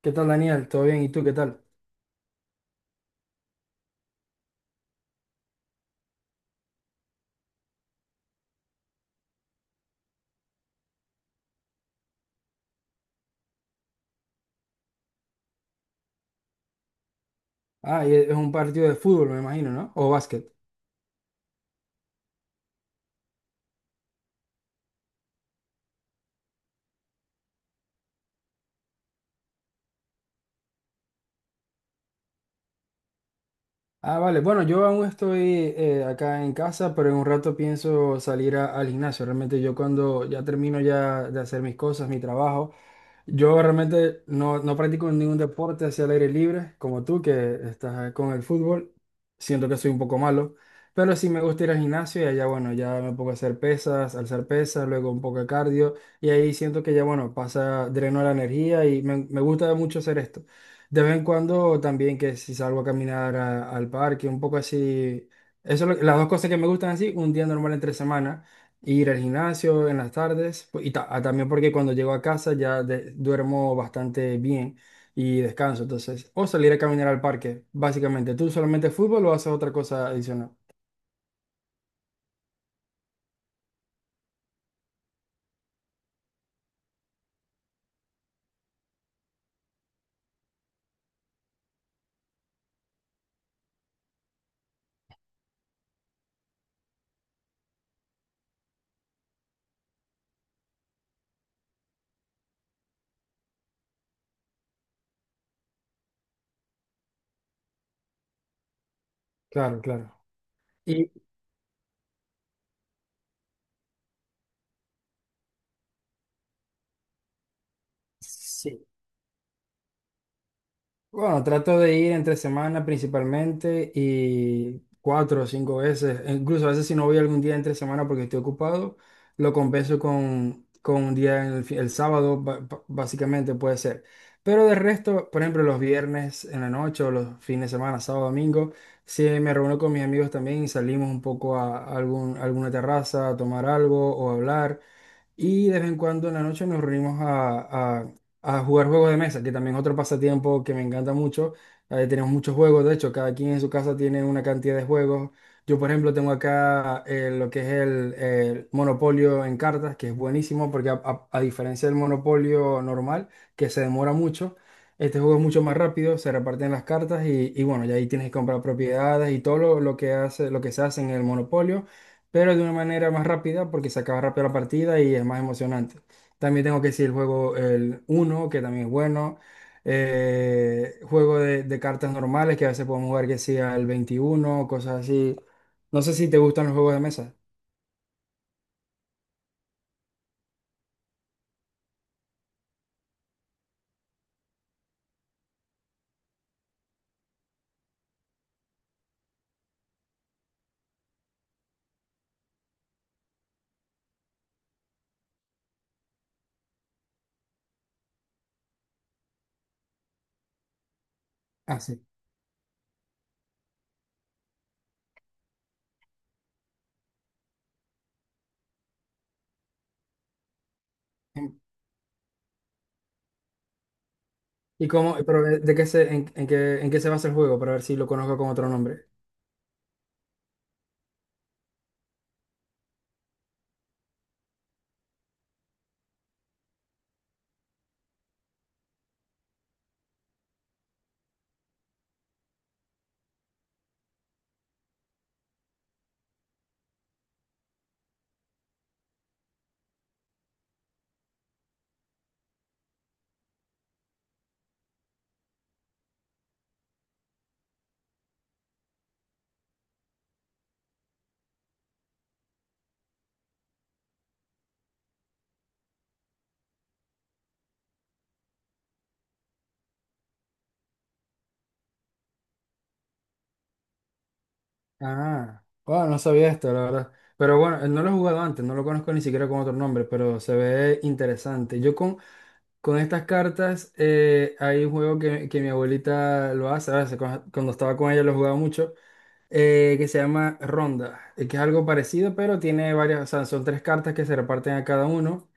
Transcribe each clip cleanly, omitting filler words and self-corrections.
¿Qué tal, Daniel? ¿Todo bien? ¿Y tú qué tal? Ah, y es un partido de fútbol, me imagino, ¿no? O básquet. Ah, vale. Bueno, yo aún estoy acá en casa, pero en un rato pienso salir al gimnasio. Realmente yo cuando ya termino ya de hacer mis cosas, mi trabajo, yo realmente no practico ningún deporte hacia el aire libre, como tú que estás con el fútbol. Siento que soy un poco malo, pero sí me gusta ir al gimnasio y allá, bueno, ya me pongo a hacer pesas, alzar pesas, luego un poco de cardio y ahí siento que ya, bueno, pasa, dreno la energía y me gusta mucho hacer esto. De vez en cuando también que si salgo a caminar al parque, un poco así. Eso, es las dos cosas que me gustan así, un día normal entre semana, ir al gimnasio en las tardes, pues, y también porque cuando llego a casa ya duermo bastante bien y descanso, entonces, o salir a caminar al parque, básicamente. ¿Tú solamente fútbol o haces otra cosa adicional? Claro, claro. Y sí. Bueno, trato de ir entre semana principalmente y cuatro o cinco veces, e incluso a veces si no voy algún día entre semana porque estoy ocupado, lo compenso con un día en el sábado, básicamente puede ser. Pero de resto, por ejemplo, los viernes en la noche o los fines de semana, sábado, domingo, si me reúno con mis amigos también y salimos un poco a alguna terraza a tomar algo o a hablar. Y de vez en cuando en la noche nos reunimos a jugar juegos de mesa, que también es otro pasatiempo que me encanta mucho. Tenemos muchos juegos, de hecho, cada quien en su casa tiene una cantidad de juegos. Yo, por ejemplo, tengo acá lo que es el Monopolio en cartas, que es buenísimo porque a diferencia del Monopolio normal, que se demora mucho, este juego es mucho más rápido, se reparten las cartas y bueno, ya ahí tienes que comprar propiedades y todo lo que hace, lo que se hace en el Monopolio, pero de una manera más rápida porque se acaba rápido la partida y es más emocionante. También tengo que decir el juego el uno que también es bueno. Juego de cartas normales, que a veces podemos jugar que sea el 21, cosas así. No sé si te gustan los juegos de mesa. Ah, sí. ¿Y cómo, pero de qué se, en qué se basa el juego? Para ver si lo conozco con otro nombre. Ah, bueno, no sabía esto, la verdad. Pero bueno, no lo he jugado antes, no lo conozco ni siquiera con otro nombre, pero se ve interesante. Yo con estas cartas hay un juego que mi abuelita lo hace, a veces cuando estaba con ella lo jugaba mucho, que se llama Ronda, que es algo parecido, pero tiene varias, o sea, son tres cartas que se reparten a cada uno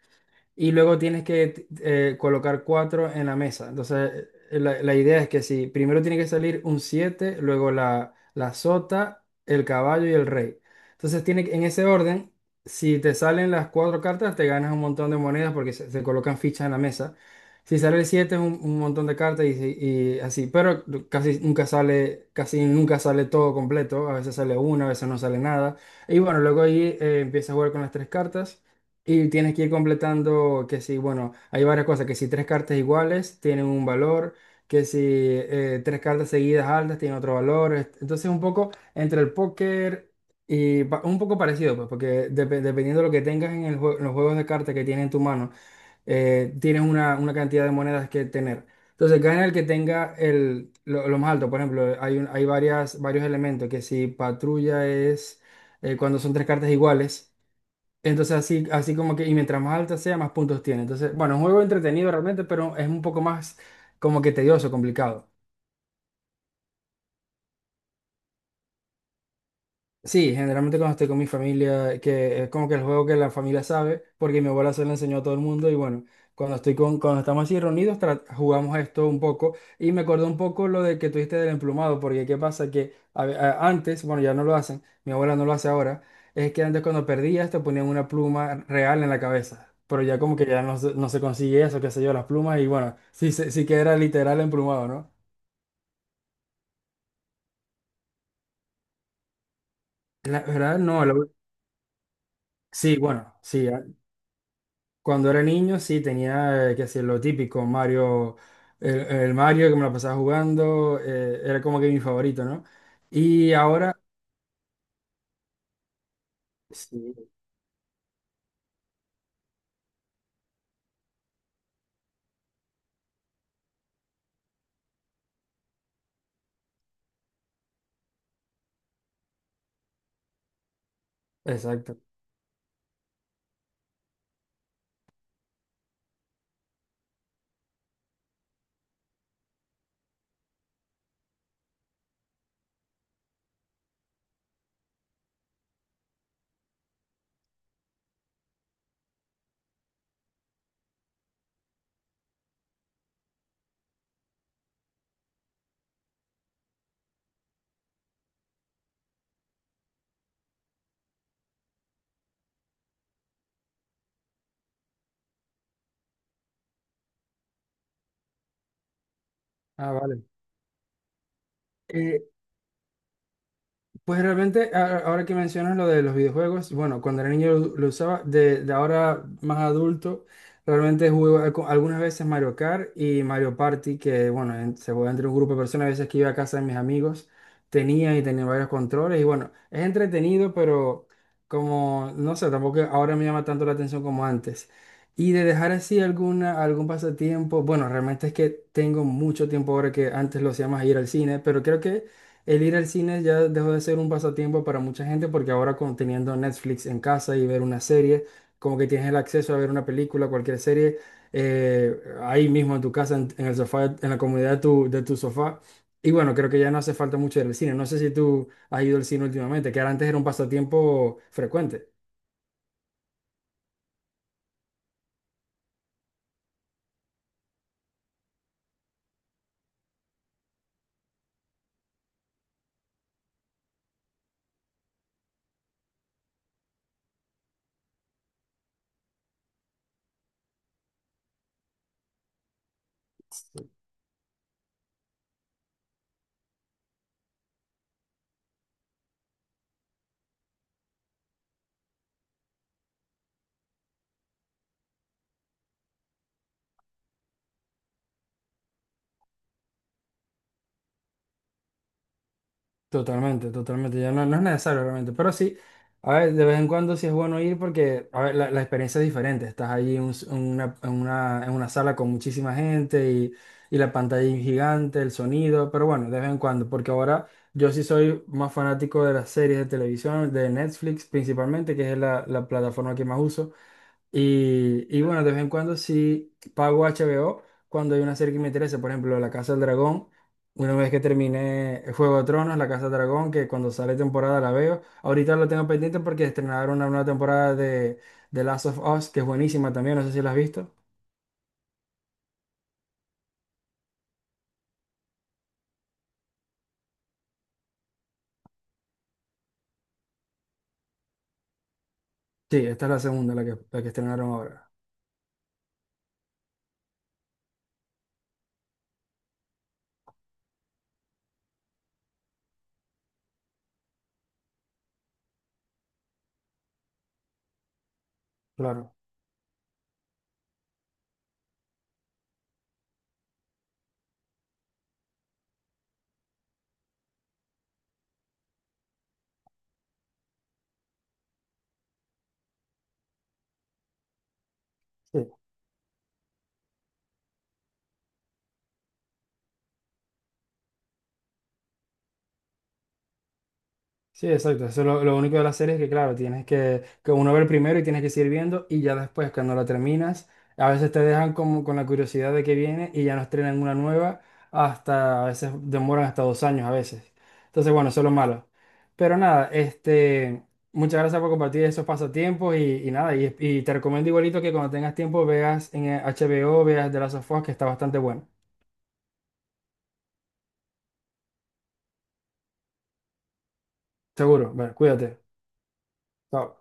y luego tienes que colocar cuatro en la mesa. Entonces, la idea es que si primero tiene que salir un 7 luego la sota, el caballo y el rey. Entonces, tiene, en ese orden, si te salen las cuatro cartas, te ganas un montón de monedas porque se colocan fichas en la mesa. Si sale el 7 es un montón de cartas y, y así, pero casi nunca sale todo completo, a veces sale una, a veces no sale nada. Y bueno, luego ahí empieza a jugar con las tres cartas. Y tienes que ir completando que si, bueno, hay varias cosas, que si tres cartas iguales tienen un valor, que si tres cartas seguidas altas tienen otro valor. Entonces un poco entre el póker y un poco parecido, pues, porque dependiendo de lo que tengas en el en los juegos de cartas que tienes en tu mano, tienes una cantidad de monedas que tener. Entonces gana el que tenga lo más alto. Por ejemplo, hay, hay varios elementos, que si patrulla es cuando son tres cartas iguales. Entonces así, así como que, y mientras más alta sea, más puntos tiene. Entonces, bueno, es un juego entretenido realmente, pero es un poco más como que tedioso, complicado. Sí, generalmente cuando estoy con mi familia, que es como que el juego que la familia sabe, porque mi abuela se lo enseñó a todo el mundo y bueno, cuando estoy con, cuando estamos así reunidos, jugamos esto un poco y me acordó un poco lo de que tuviste del emplumado, porque qué pasa que antes, bueno, ya no lo hacen, mi abuela no lo hace ahora, es que antes cuando perdías te ponían una pluma real en la cabeza, pero ya como que ya no se consigue eso, qué sé yo, las plumas y bueno, sí, sí que era literal emplumado, ¿no? La verdad, no, sí, bueno, sí, cuando era niño, sí, tenía que hacer lo típico, Mario, el Mario que me la pasaba jugando, era como que mi favorito, ¿no? Y ahora, sí, exacto. Ah, vale. Eh, pues realmente, ahora que mencionas lo de los videojuegos, bueno, cuando era niño lo usaba, de ahora más adulto, realmente jugué algunas veces Mario Kart y Mario Party, que bueno, se juega entre un grupo de personas, a veces que iba a casa de mis amigos, tenía y tenía varios controles, y bueno, es entretenido, pero como, no sé, tampoco ahora me llama tanto la atención como antes. Y de dejar así algún pasatiempo, bueno, realmente es que tengo mucho tiempo ahora que antes lo hacía más ir al cine, pero creo que... El ir al cine ya dejó de ser un pasatiempo para mucha gente porque ahora con teniendo Netflix en casa y ver una serie, como que tienes el acceso a ver una película, cualquier serie, eh, ahí mismo en tu casa, en el sofá, en la comodidad de de tu sofá. Y bueno, creo que ya no hace falta mucho ir al cine. No sé si tú has ido al cine últimamente, que antes era un pasatiempo frecuente. Totalmente, totalmente. Ya no es necesario realmente. Pero sí, a ver, de vez en cuando sí es bueno ir porque, a ver, la experiencia es diferente. Estás allí en, en una, en una sala con muchísima gente y la pantalla es gigante, el sonido. Pero bueno, de vez en cuando, porque ahora yo sí soy más fanático de las series de televisión, de Netflix principalmente, que es la plataforma que más uso. Y bueno, de vez en cuando sí pago HBO cuando hay una serie que me interesa. Por ejemplo, La Casa del Dragón. Una vez que terminé Juego de Tronos, La Casa de Dragón, que cuando sale temporada la veo. Ahorita la tengo pendiente porque estrenaron una nueva temporada de The Last of Us, que es buenísima también, no sé si la has visto. Sí, esta es la segunda, la que estrenaron ahora. Claro. Sí. Sí, exacto. Eso es lo único de la serie es que, claro, tienes que uno ver primero y tienes que seguir viendo y ya después, cuando la terminas, a veces te dejan como con la curiosidad de que viene y ya no estrenan una nueva hasta, a veces demoran hasta dos años a veces. Entonces, bueno, eso es lo malo. Pero nada, este, muchas gracias por compartir esos pasatiempos y nada, y te recomiendo igualito que cuando tengas tiempo veas en HBO, veas The Last of Us, que está bastante bueno. Seguro. Bueno, cuídate. Chao.